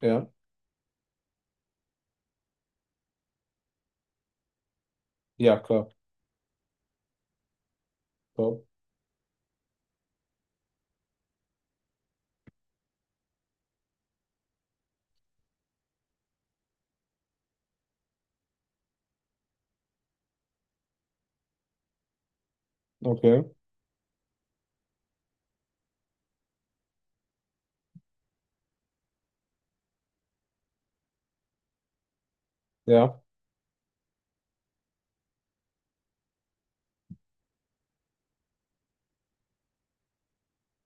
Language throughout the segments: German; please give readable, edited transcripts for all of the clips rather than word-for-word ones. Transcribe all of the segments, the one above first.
Ja, ja, klar. Ja, okay, ja.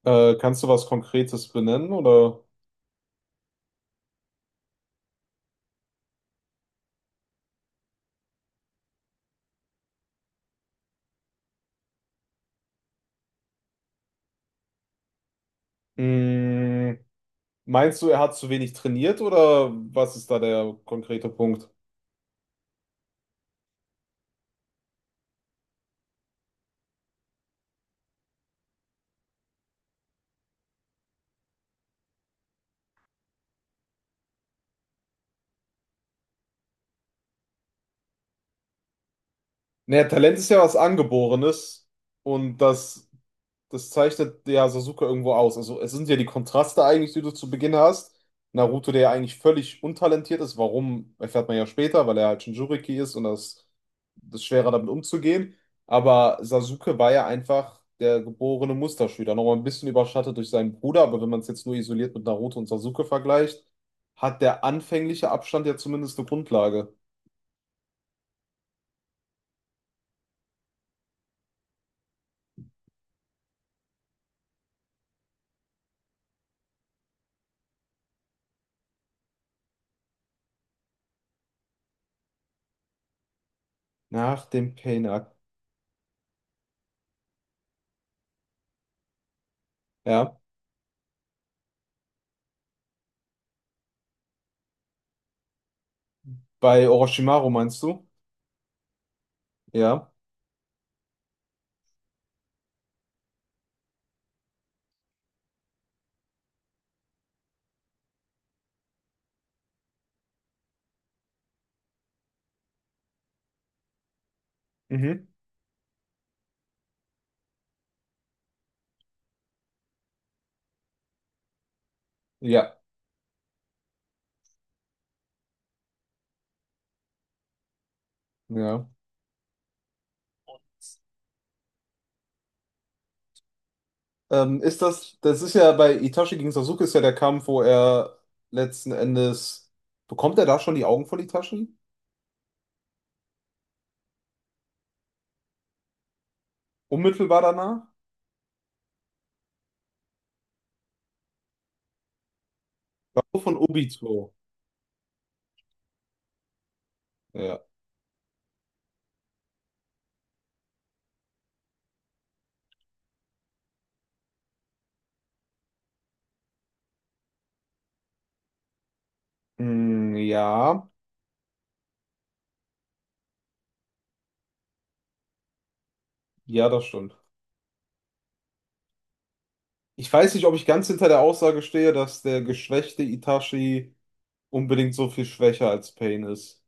Kannst du was Konkretes benennen oder mm, meinst du, er hat zu wenig trainiert oder was ist da der konkrete Punkt? Naja, Talent ist ja was Angeborenes und das zeichnet ja Sasuke irgendwo aus. Also es sind ja die Kontraste eigentlich, die du zu Beginn hast. Naruto, der ja eigentlich völlig untalentiert ist, warum, erfährt man ja später, weil er halt Jinchuriki ist und das ist schwerer damit umzugehen. Aber Sasuke war ja einfach der geborene Musterschüler. Nochmal ein bisschen überschattet durch seinen Bruder, aber wenn man es jetzt nur isoliert mit Naruto und Sasuke vergleicht, hat der anfängliche Abstand ja zumindest eine Grundlage. Nach dem Pain-Arc. Bei Orochimaru meinst du? Ja. Mhm. Ja, ja. Ist das ist ja bei Itachi gegen Sasuke ist ja der Kampf, wo er letzten Endes, bekommt er da schon die Augen von Itachi? Unmittelbar danach? Von Obito. Ja. Mm, ja, ja, das stimmt. Ich weiß nicht, ob ich ganz hinter der Aussage stehe, dass der geschwächte Itachi unbedingt so viel schwächer als Pain ist.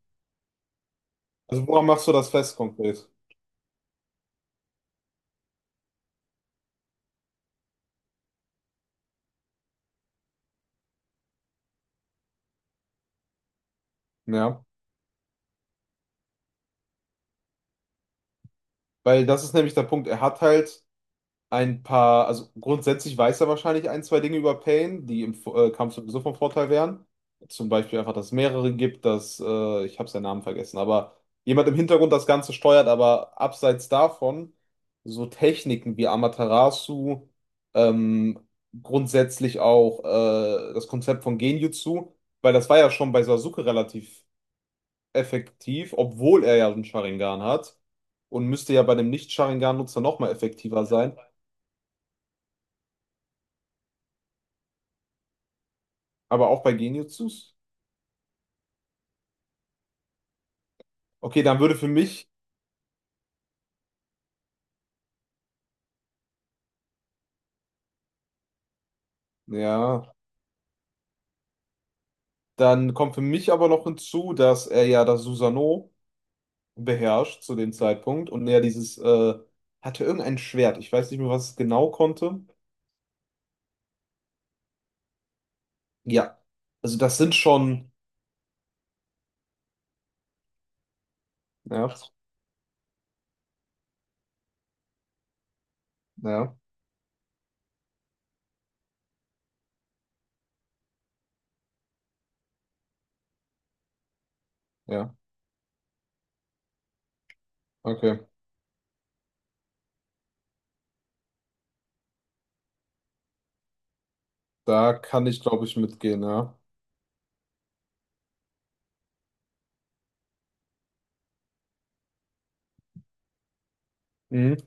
Also woran machst du das fest konkret? Ja. Weil das ist nämlich der Punkt, er hat halt ein paar, also grundsätzlich weiß er wahrscheinlich ein, zwei Dinge über Pain, die im Kampf sowieso von Vorteil wären. Zum Beispiel einfach, dass es mehrere gibt, dass, ich habe seinen Namen vergessen, aber jemand im Hintergrund das Ganze steuert, aber abseits davon so Techniken wie Amaterasu, ähm, grundsätzlich auch das Konzept von Genjutsu, weil das war ja schon bei Sasuke relativ effektiv, obwohl er ja einen Sharingan hat und müsste ja bei dem Nicht-Sharingan-Nutzer nochmal effektiver sein. Aber auch bei Genjutsus? Okay, dann würde für mich, ja, dann kommt für mich aber noch hinzu, dass er ja das Susanoo beherrscht zu dem Zeitpunkt und er dieses, hatte irgendein Schwert. Ich weiß nicht mehr, was es genau konnte. Ja, also das sind schon, ja, ja, ja, okay. Da kann ich, glaube ich, mitgehen, ja. Mhm.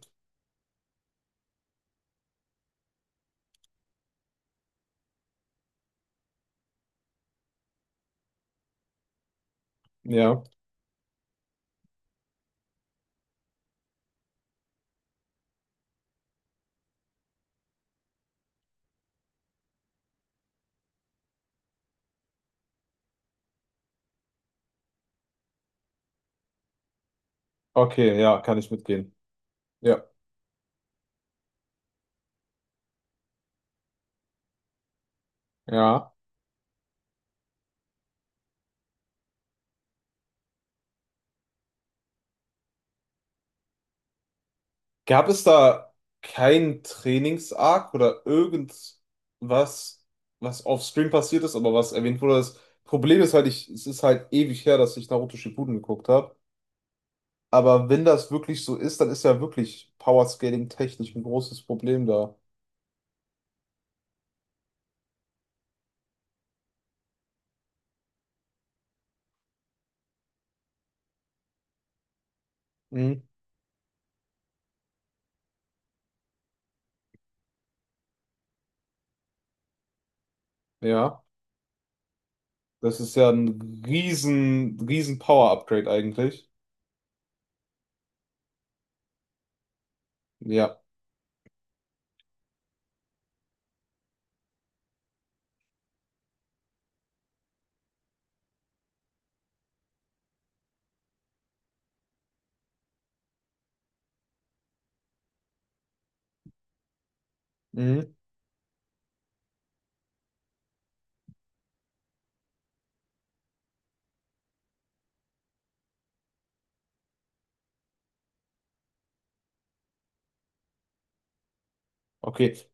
Ja, okay, ja, kann ich mitgehen. Ja, ja. Gab es da keinen Trainings-Arc oder irgendwas, was offscreen passiert ist, aber was erwähnt wurde? Das Problem ist halt, ich, es ist halt ewig her, dass ich Naruto Shippuden geguckt habe. Aber wenn das wirklich so ist, dann ist ja wirklich Powerscaling technisch ein großes Problem da. Mhm. Ja, das ist ja ein riesen, riesen Power-Upgrade eigentlich. Ja. Mhm. Okay.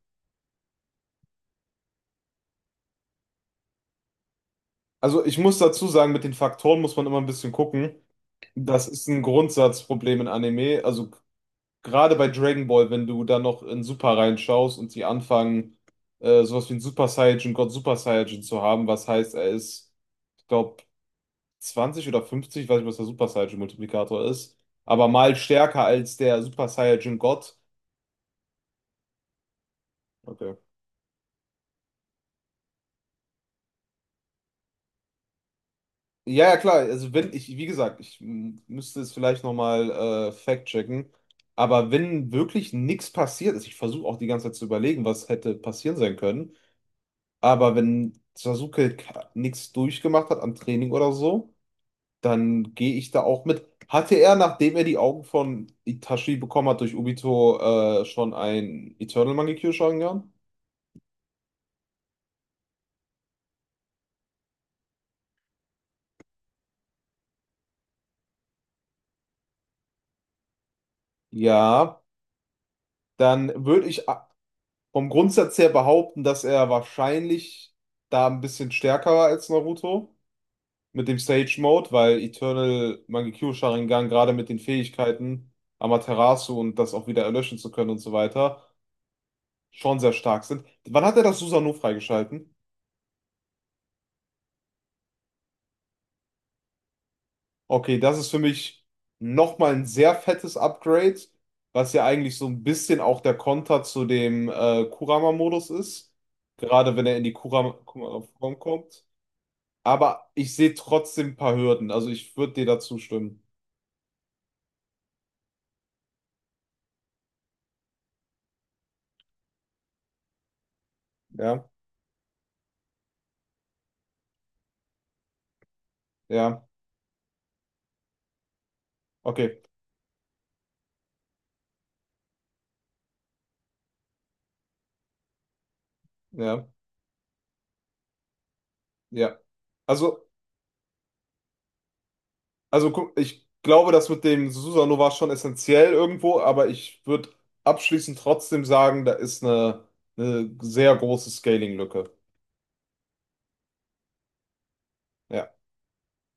Also ich muss dazu sagen, mit den Faktoren muss man immer ein bisschen gucken. Das ist ein Grundsatzproblem in Anime. Also gerade bei Dragon Ball, wenn du da noch in Super reinschaust und sie anfangen, sowas wie einen Super Saiyajin, Gott Super Saiyajin zu haben, was heißt, er ist, ich glaube, 20 oder 50, weiß nicht, was der Super Saiyajin-Multiplikator ist, aber mal stärker als der Super Saiyajin Gott. Okay. Ja, ja, klar. Also wenn ich, wie gesagt, ich m, müsste es vielleicht nochmal fact-checken. Aber wenn wirklich nichts passiert ist, ich versuche auch die ganze Zeit zu überlegen, was hätte passieren sein können. Aber wenn Sasuke nichts durchgemacht hat am Training oder so, dann gehe ich da auch mit. Hatte er, nachdem er die Augen von Itachi bekommen hat durch Obito, schon ein Eternal Mangekyo Sharingan? Ja, dann würde ich vom Grundsatz her behaupten, dass er wahrscheinlich da ein bisschen stärker war als Naruto mit dem Sage Mode, weil Eternal Mangekyo Sharingan gerade mit den Fähigkeiten Amaterasu und das auch wieder erlöschen zu können und so weiter schon sehr stark sind. Wann hat er das Susanoo freigeschalten? Okay, das ist für mich nochmal ein sehr fettes Upgrade, was ja eigentlich so ein bisschen auch der Konter zu dem Kurama-Modus ist. Gerade wenn er in die Kurama-Form kommt. Aber ich sehe trotzdem ein paar Hürden. Also ich würde dir dazu stimmen. Ja, ja, okay, ja, ja. Also. Also guck, ich glaube, das mit dem Susanoo war schon essentiell irgendwo, aber ich würde abschließend trotzdem sagen, da ist eine sehr große Scaling-Lücke. Ja.